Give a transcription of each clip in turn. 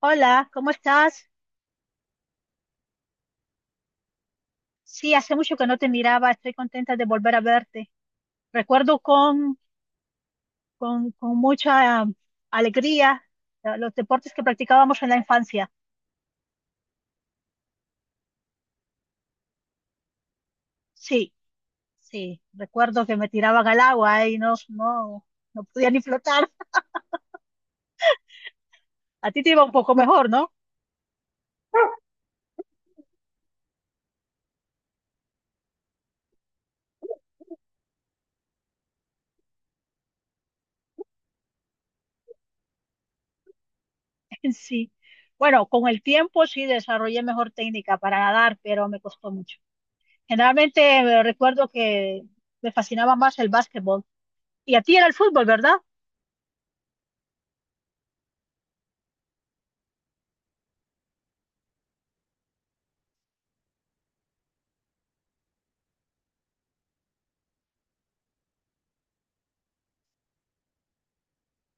Hola, ¿cómo estás? Sí, hace mucho que no te miraba, estoy contenta de volver a verte. Recuerdo con mucha alegría los deportes que practicábamos en la infancia. Sí, sí, recuerdo que me tiraban al agua y no, no, no podía ni flotar. A ti te iba un poco mejor, ¿no? Sí. Bueno, con el tiempo sí desarrollé mejor técnica para nadar, pero me costó mucho. Generalmente recuerdo que me fascinaba más el básquetbol. Y a ti era el fútbol, ¿verdad?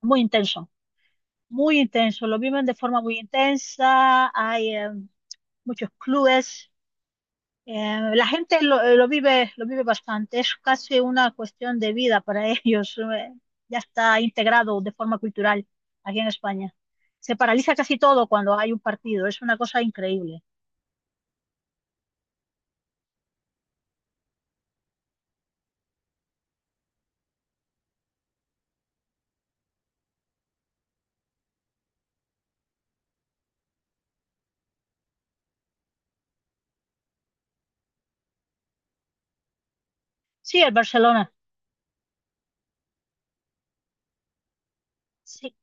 Muy intenso. Muy intenso, lo viven de forma muy intensa, hay muchos clubes, la gente lo vive bastante, es casi una cuestión de vida para ellos, ya está integrado de forma cultural aquí en España. Se paraliza casi todo cuando hay un partido, es una cosa increíble. Sí, el Barcelona, sí,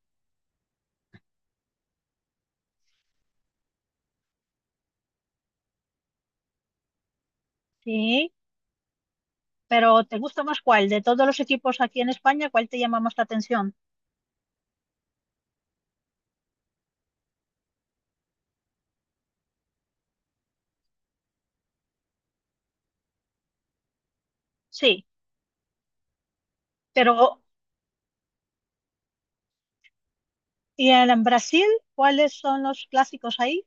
sí, pero ¿te gusta más cuál? De todos los equipos aquí en España, ¿cuál te llama más la atención? Sí, pero ¿y en Brasil? ¿Cuáles son los clásicos ahí?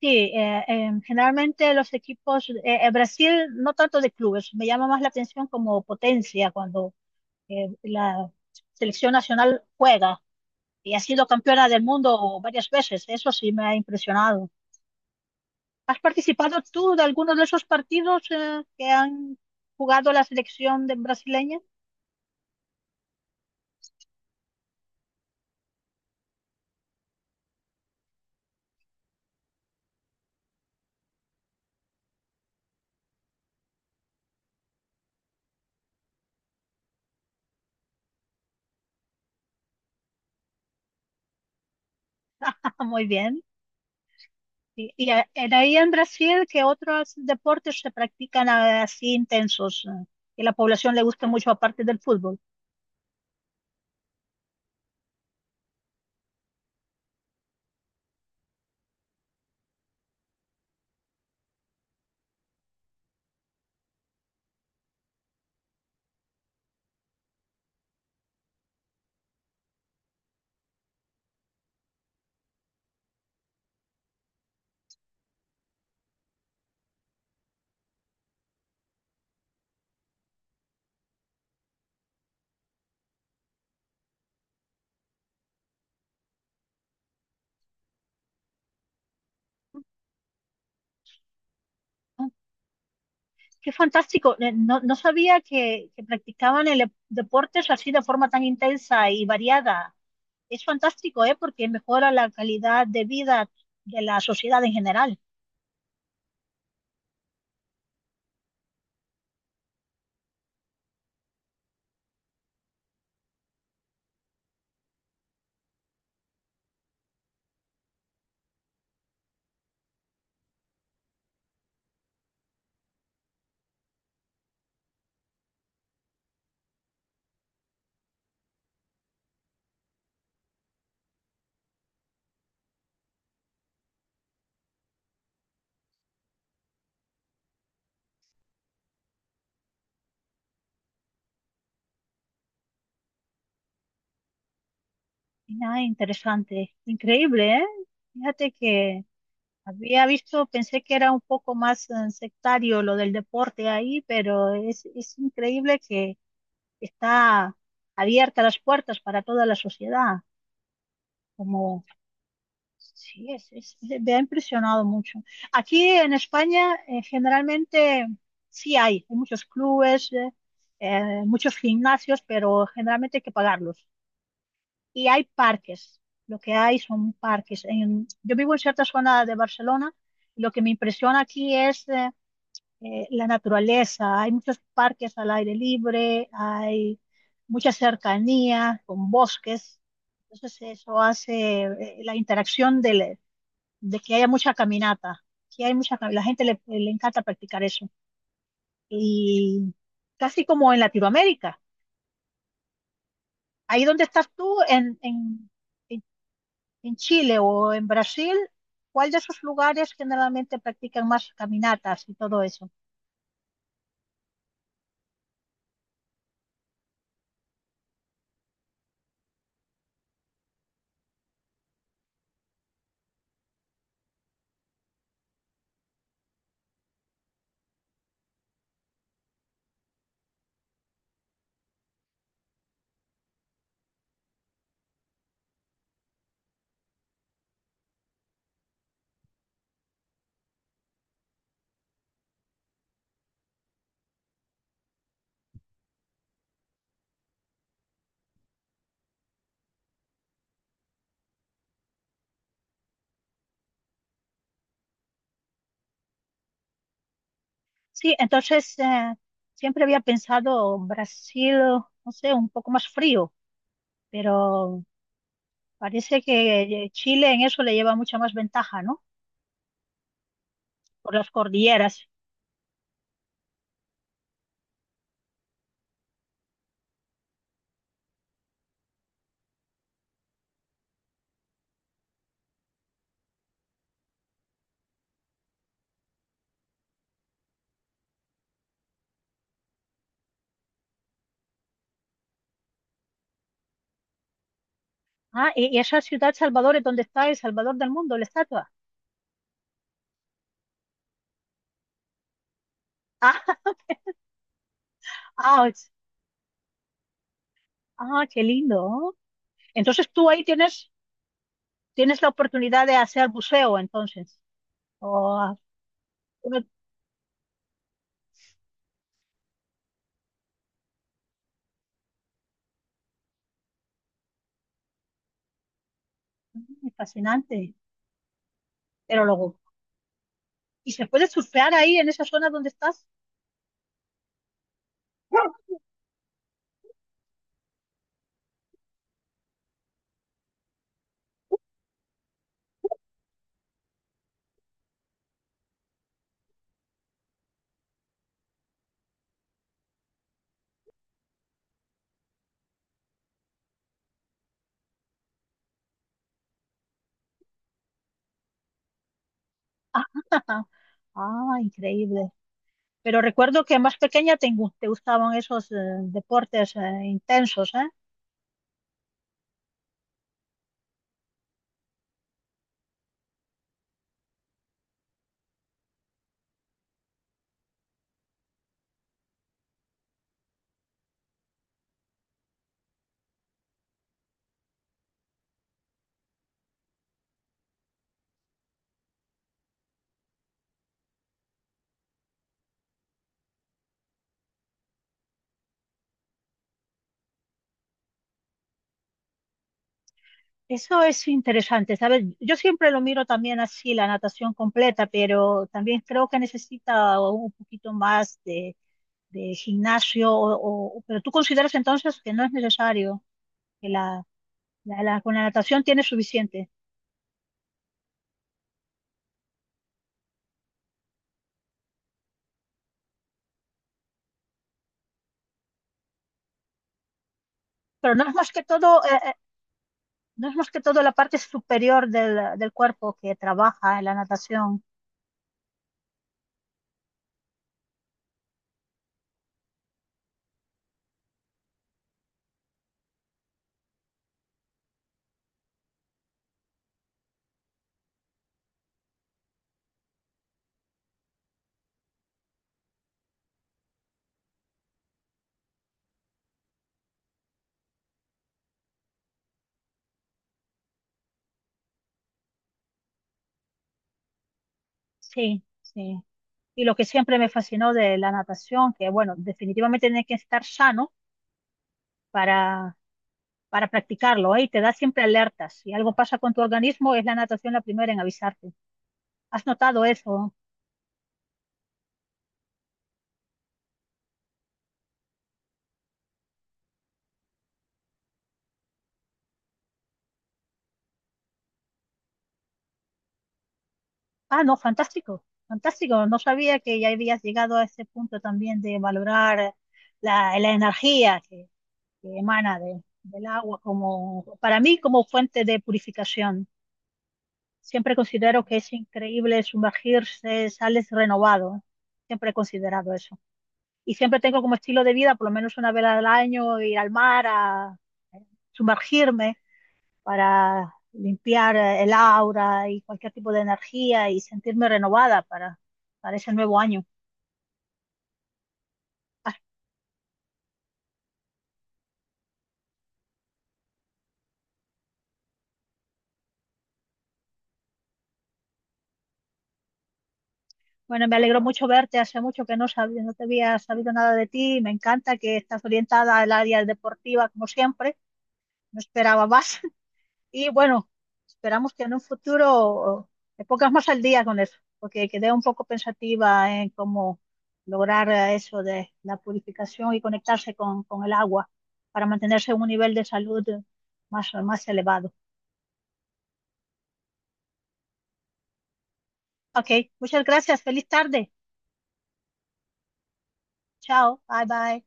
Sí, generalmente los equipos, Brasil no tanto de clubes, me llama más la atención como potencia cuando la selección nacional juega y ha sido campeona del mundo varias veces, eso sí me ha impresionado. ¿Has participado tú de alguno de esos partidos que han jugado brasileña? Muy bien. En ahí en Brasil, ¿qué otros deportes se practican así intensos que la población le gusta mucho aparte del fútbol? Qué fantástico. No, no sabía que practicaban deportes así de forma tan intensa y variada. Es fantástico, ¿eh? Porque mejora la calidad de vida de la sociedad en general. Mira, interesante. Increíble, ¿eh? Fíjate que había visto, pensé que era un poco más sectario lo del deporte ahí, pero es increíble que está abierta las puertas para toda la sociedad, como Sí, me ha impresionado mucho. Aquí en España, generalmente sí hay muchos clubes, muchos gimnasios, pero generalmente hay que pagarlos. Y hay parques, lo que hay son parques. Yo vivo en cierta zona de Barcelona, y lo que me impresiona aquí es la naturaleza. Hay muchos parques al aire libre, hay mucha cercanía con bosques. Entonces eso hace la interacción de que haya mucha caminata. Sí hay mucha, la gente le encanta practicar eso. Y casi como en Latinoamérica. Ahí donde estás tú, en, en Chile o en Brasil, ¿cuál de esos lugares generalmente practican más caminatas y todo eso? Sí, entonces siempre había pensado Brasil, no sé, un poco más frío, pero parece que Chile en eso le lleva mucha más ventaja, ¿no? Por las cordilleras. Ah, y esa ciudad Salvador es donde está el Salvador del mundo, la estatua. Ah, ah, ah, qué lindo. ¿No? Entonces tú ahí tienes, tienes la oportunidad de hacer buceo, entonces. Oh, bueno, fascinante. Pero luego, ¿y se puede surfear ahí en esa zona donde estás? Ah, ah, increíble. Pero recuerdo que más pequeña te gustaban esos deportes intensos, ¿eh? Eso es interesante, ¿sabes? Yo siempre lo miro también así, la natación completa, pero también creo que necesita un poquito más de gimnasio, pero tú consideras entonces que no es necesario, que la, con la natación tiene suficiente. Pero no es más que todo, no es más que todo la parte superior del, del cuerpo que trabaja en la natación. Sí, sí. Y lo que siempre me fascinó de la natación, que bueno, definitivamente tienes que estar sano para, para practicarlo, ¿eh? Y te da siempre alertas. Si algo pasa con tu organismo, es la natación la primera en avisarte. ¿Has notado eso? Ah, no, fantástico, fantástico. No sabía que ya habías llegado a ese punto también de valorar la, la energía que emana del agua como, para mí, como fuente de purificación. Siempre considero que es increíble sumergirse, sales renovado. Siempre he considerado eso. Y siempre tengo como estilo de vida, por lo menos una vez al año, ir al mar a sumergirme para limpiar el aura y cualquier tipo de energía y sentirme renovada para ese nuevo año. Ah, bueno, me alegro mucho verte. Hace mucho que no sabía, no te había sabido nada de ti. Me encanta que estás orientada al área deportiva como siempre. No esperaba más. Y bueno, esperamos que en un futuro me pongas más al día con eso, porque quedé un poco pensativa en cómo lograr eso de la purificación y conectarse con el agua para mantenerse en un nivel de salud más, más elevado. Ok, muchas gracias. Feliz tarde. Chao. Bye bye.